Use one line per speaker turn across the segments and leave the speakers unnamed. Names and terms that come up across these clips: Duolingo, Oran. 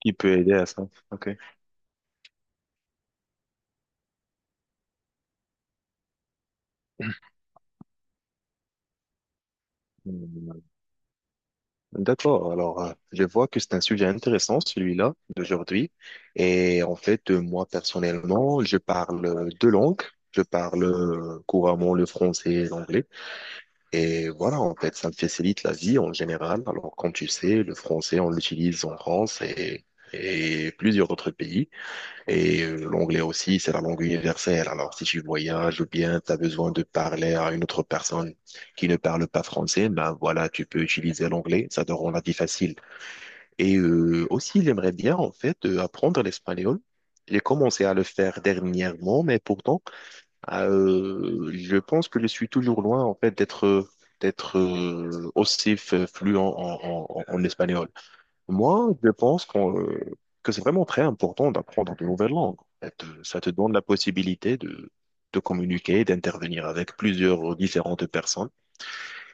Qui peut aider à ça. Ok. Hmm. D'accord. Alors, je vois que c'est un sujet intéressant, celui-là, d'aujourd'hui. Et en fait, moi, personnellement, je parle deux langues. Je parle couramment le français et l'anglais. Et voilà, en fait, ça me facilite la vie en général. Alors, comme tu sais, le français, on l'utilise en France et plusieurs autres pays. Et l'anglais aussi, c'est la langue universelle. Alors, si tu voyages ou bien tu as besoin de parler à une autre personne qui ne parle pas français, ben voilà, tu peux utiliser l'anglais, ça te rend la vie facile. Et aussi, j'aimerais bien, en fait, apprendre l'espagnol. J'ai commencé à le faire dernièrement, mais pourtant, je pense que je suis toujours loin, en fait, d'être aussi fluent en espagnol. Moi, je pense que c'est vraiment très important d'apprendre de nouvelles langues. Ça te donne la possibilité de communiquer, d'intervenir avec plusieurs différentes personnes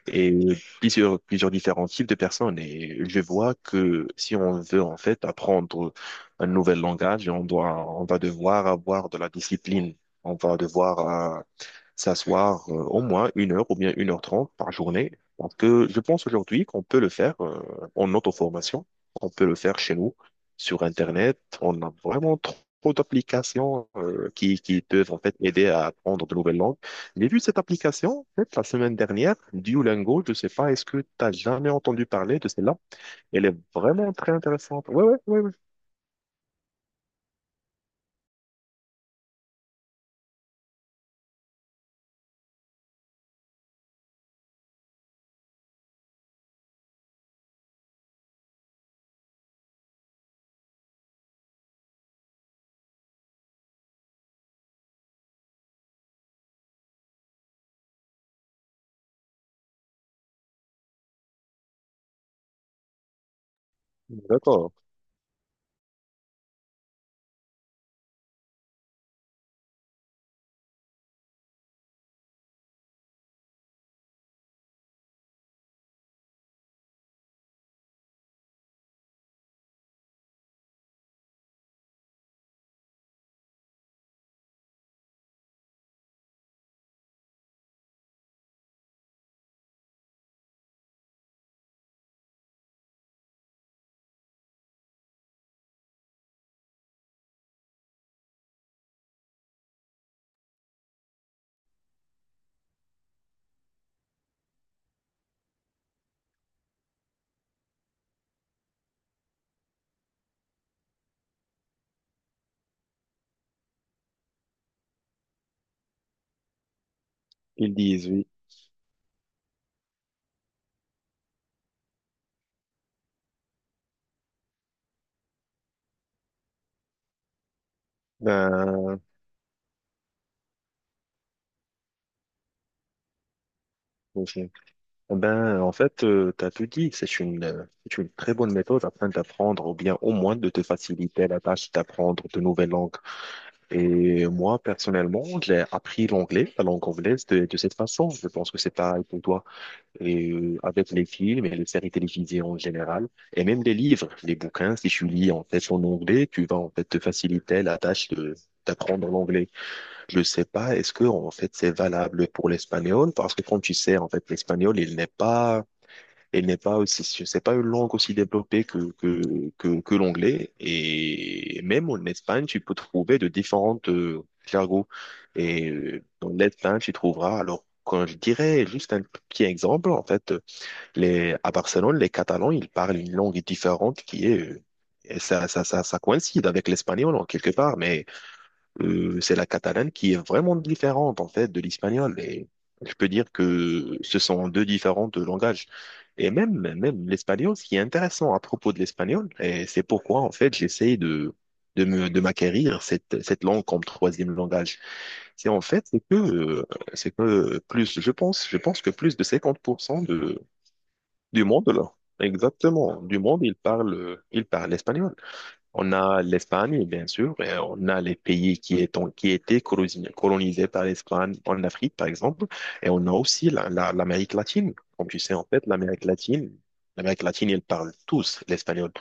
et plusieurs différents types de personnes. Et je vois que si on veut en fait apprendre un nouvel langage, on va devoir avoir de la discipline. On va devoir s'asseoir au moins une heure ou bien une heure trente par journée. Parce que je pense aujourd'hui qu'on peut le faire en auto-formation, on peut le faire chez nous, sur Internet. On a vraiment trop d'applications qui peuvent en fait aider à apprendre de nouvelles langues. J'ai vu cette application en fait, la semaine dernière, Duolingo. Je ne sais pas, est-ce que tu n'as jamais entendu parler de celle-là? Elle est vraiment très intéressante. Oui, oui, oui, ouais, ouais, ouais, ouais. D'accord. Ils disent oui. Ben, Eh ben, en fait, tu as tout dit. C'est une très bonne méthode afin d'apprendre ou bien au moins de te faciliter la tâche d'apprendre de nouvelles langues. Et moi, personnellement, j'ai appris l'anglais, la langue anglaise, de cette façon. Je pense que c'est pareil pour toi. Et avec les films et les séries télévisées en général, et même les livres, les bouquins, si tu lis en fait en anglais, tu vas en fait te faciliter la tâche de d'apprendre l'anglais. Je sais pas, est-ce que en fait c'est valable pour l'espagnol? Parce que comme tu sais, en fait, l'espagnol, il n'est pas, elle n'est pas aussi, c'est pas une langue aussi développée que l'anglais. Et même en Espagne, tu peux trouver de différentes jargons. Et dans l'Espagne, tu trouveras, alors, quand je dirais juste un petit exemple, en fait, les, à Barcelone, les Catalans, ils parlent une langue différente qui est, et ça coïncide avec l'espagnol en quelque part, mais c'est la catalane qui est vraiment différente en fait de l'espagnol. Et je peux dire que ce sont deux différents de langages. Et même, même l'espagnol, ce qui est intéressant à propos de l'espagnol, et c'est pourquoi en fait j'essaie de de m'acquérir cette langue comme troisième langage. C'est en fait c'est que plus je pense que plus de 50% de du monde là, exactement du monde, il parle l'espagnol. On a l'Espagne, bien sûr, et on a les pays qui, étant, qui étaient colonisés par l'Espagne en Afrique, par exemple, et on a aussi l'Amérique latine. Comme tu sais, en fait, l'Amérique latine, ils parlent tous l'espagnol.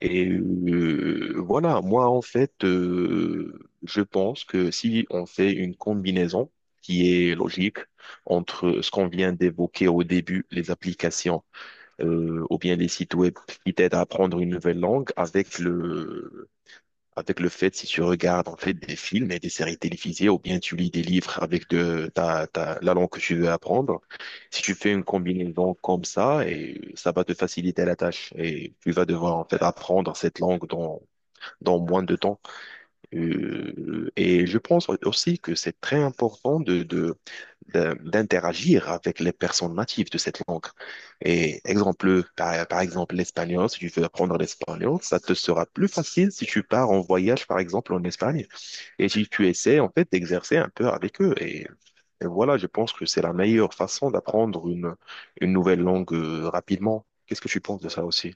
Et voilà, moi, en fait, je pense que si on fait une combinaison qui est logique entre ce qu'on vient d'évoquer au début, les applications, ou bien les sites web qui t'aident à apprendre une nouvelle langue avec le fait, si tu regardes en fait des films et des séries télévisées, ou bien tu lis des livres avec la langue que tu veux apprendre, si tu fais une combinaison comme ça, et ça va te faciliter la tâche et tu vas devoir en fait apprendre cette langue dans, dans moins de temps. Et je pense aussi que c'est très important d'interagir avec les personnes natives de cette langue. Et exemple, par exemple, l'espagnol, si tu veux apprendre l'espagnol, ça te sera plus facile si tu pars en voyage, par exemple, en Espagne, et si tu essaies, en fait, d'exercer un peu avec eux. Et voilà, je pense que c'est la meilleure façon d'apprendre une nouvelle langue, rapidement. Qu'est-ce que tu penses de ça aussi?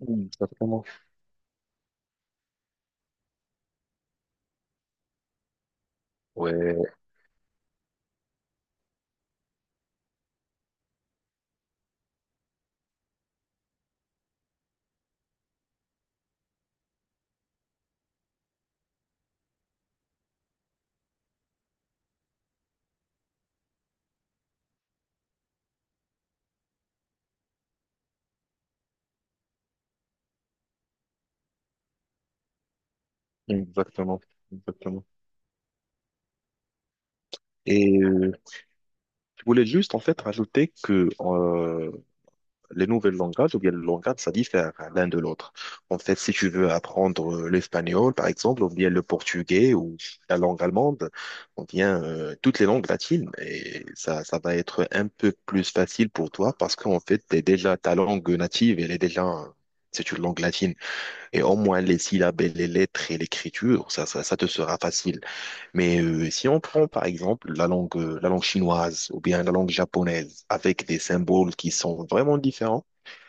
Mm, exactement. Ouais, exactement, exactement. Et je voulais juste en fait rajouter que les nouvelles langages ou bien le langage, ça diffère l'un de l'autre. En fait, si tu veux apprendre l'espagnol, par exemple, ou bien le portugais ou la langue allemande, ou bien toutes les langues latines, et ça va être un peu plus facile pour toi parce qu'en fait, t'es déjà ta langue native, elle est déjà c'est une langue latine. Et au moins les syllabes, et les lettres et l'écriture, ça te sera facile. Mais si on prend par exemple la langue chinoise ou bien la langue japonaise avec des symboles qui sont vraiment différents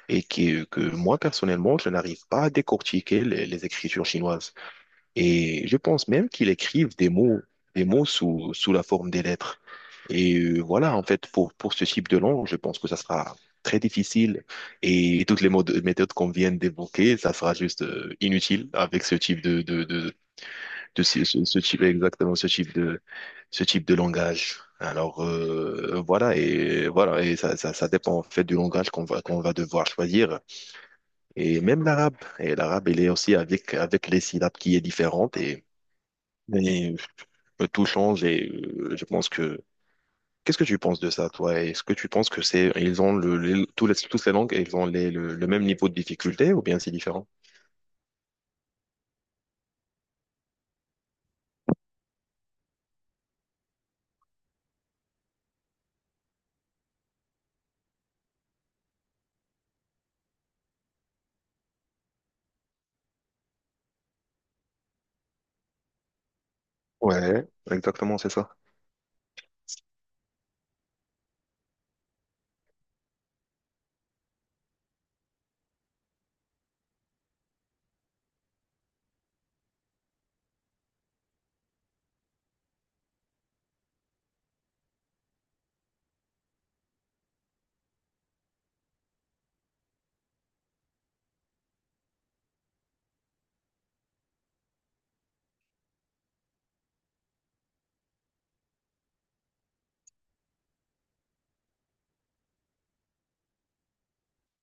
et qui, que moi personnellement, je n'arrive pas à décortiquer les écritures chinoises. Et je pense même qu'ils écrivent des mots sous la forme des lettres. Et voilà, en fait, pour ce type de langue, je pense que ça sera très difficile et toutes les méthodes qu'on vient d'évoquer, ça sera juste inutile avec ce type ce type, exactement ce type de langage. Alors voilà et voilà et ça dépend en fait du langage qu'on va devoir choisir et même l'arabe et l'arabe il est aussi avec avec les syllabes qui est différente et tout change et je pense que. Qu'est-ce que tu penses de ça, toi? Est-ce que tu penses que c'est ils ont tous tous les langues, ils ont le même niveau de difficulté ou bien c'est différent? Ouais, exactement, c'est ça.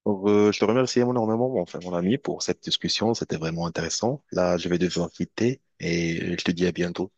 Alors, je te remercie énormément, enfin, mon ami, pour cette discussion. C'était vraiment intéressant. Là, je vais devoir quitter et je te dis à bientôt.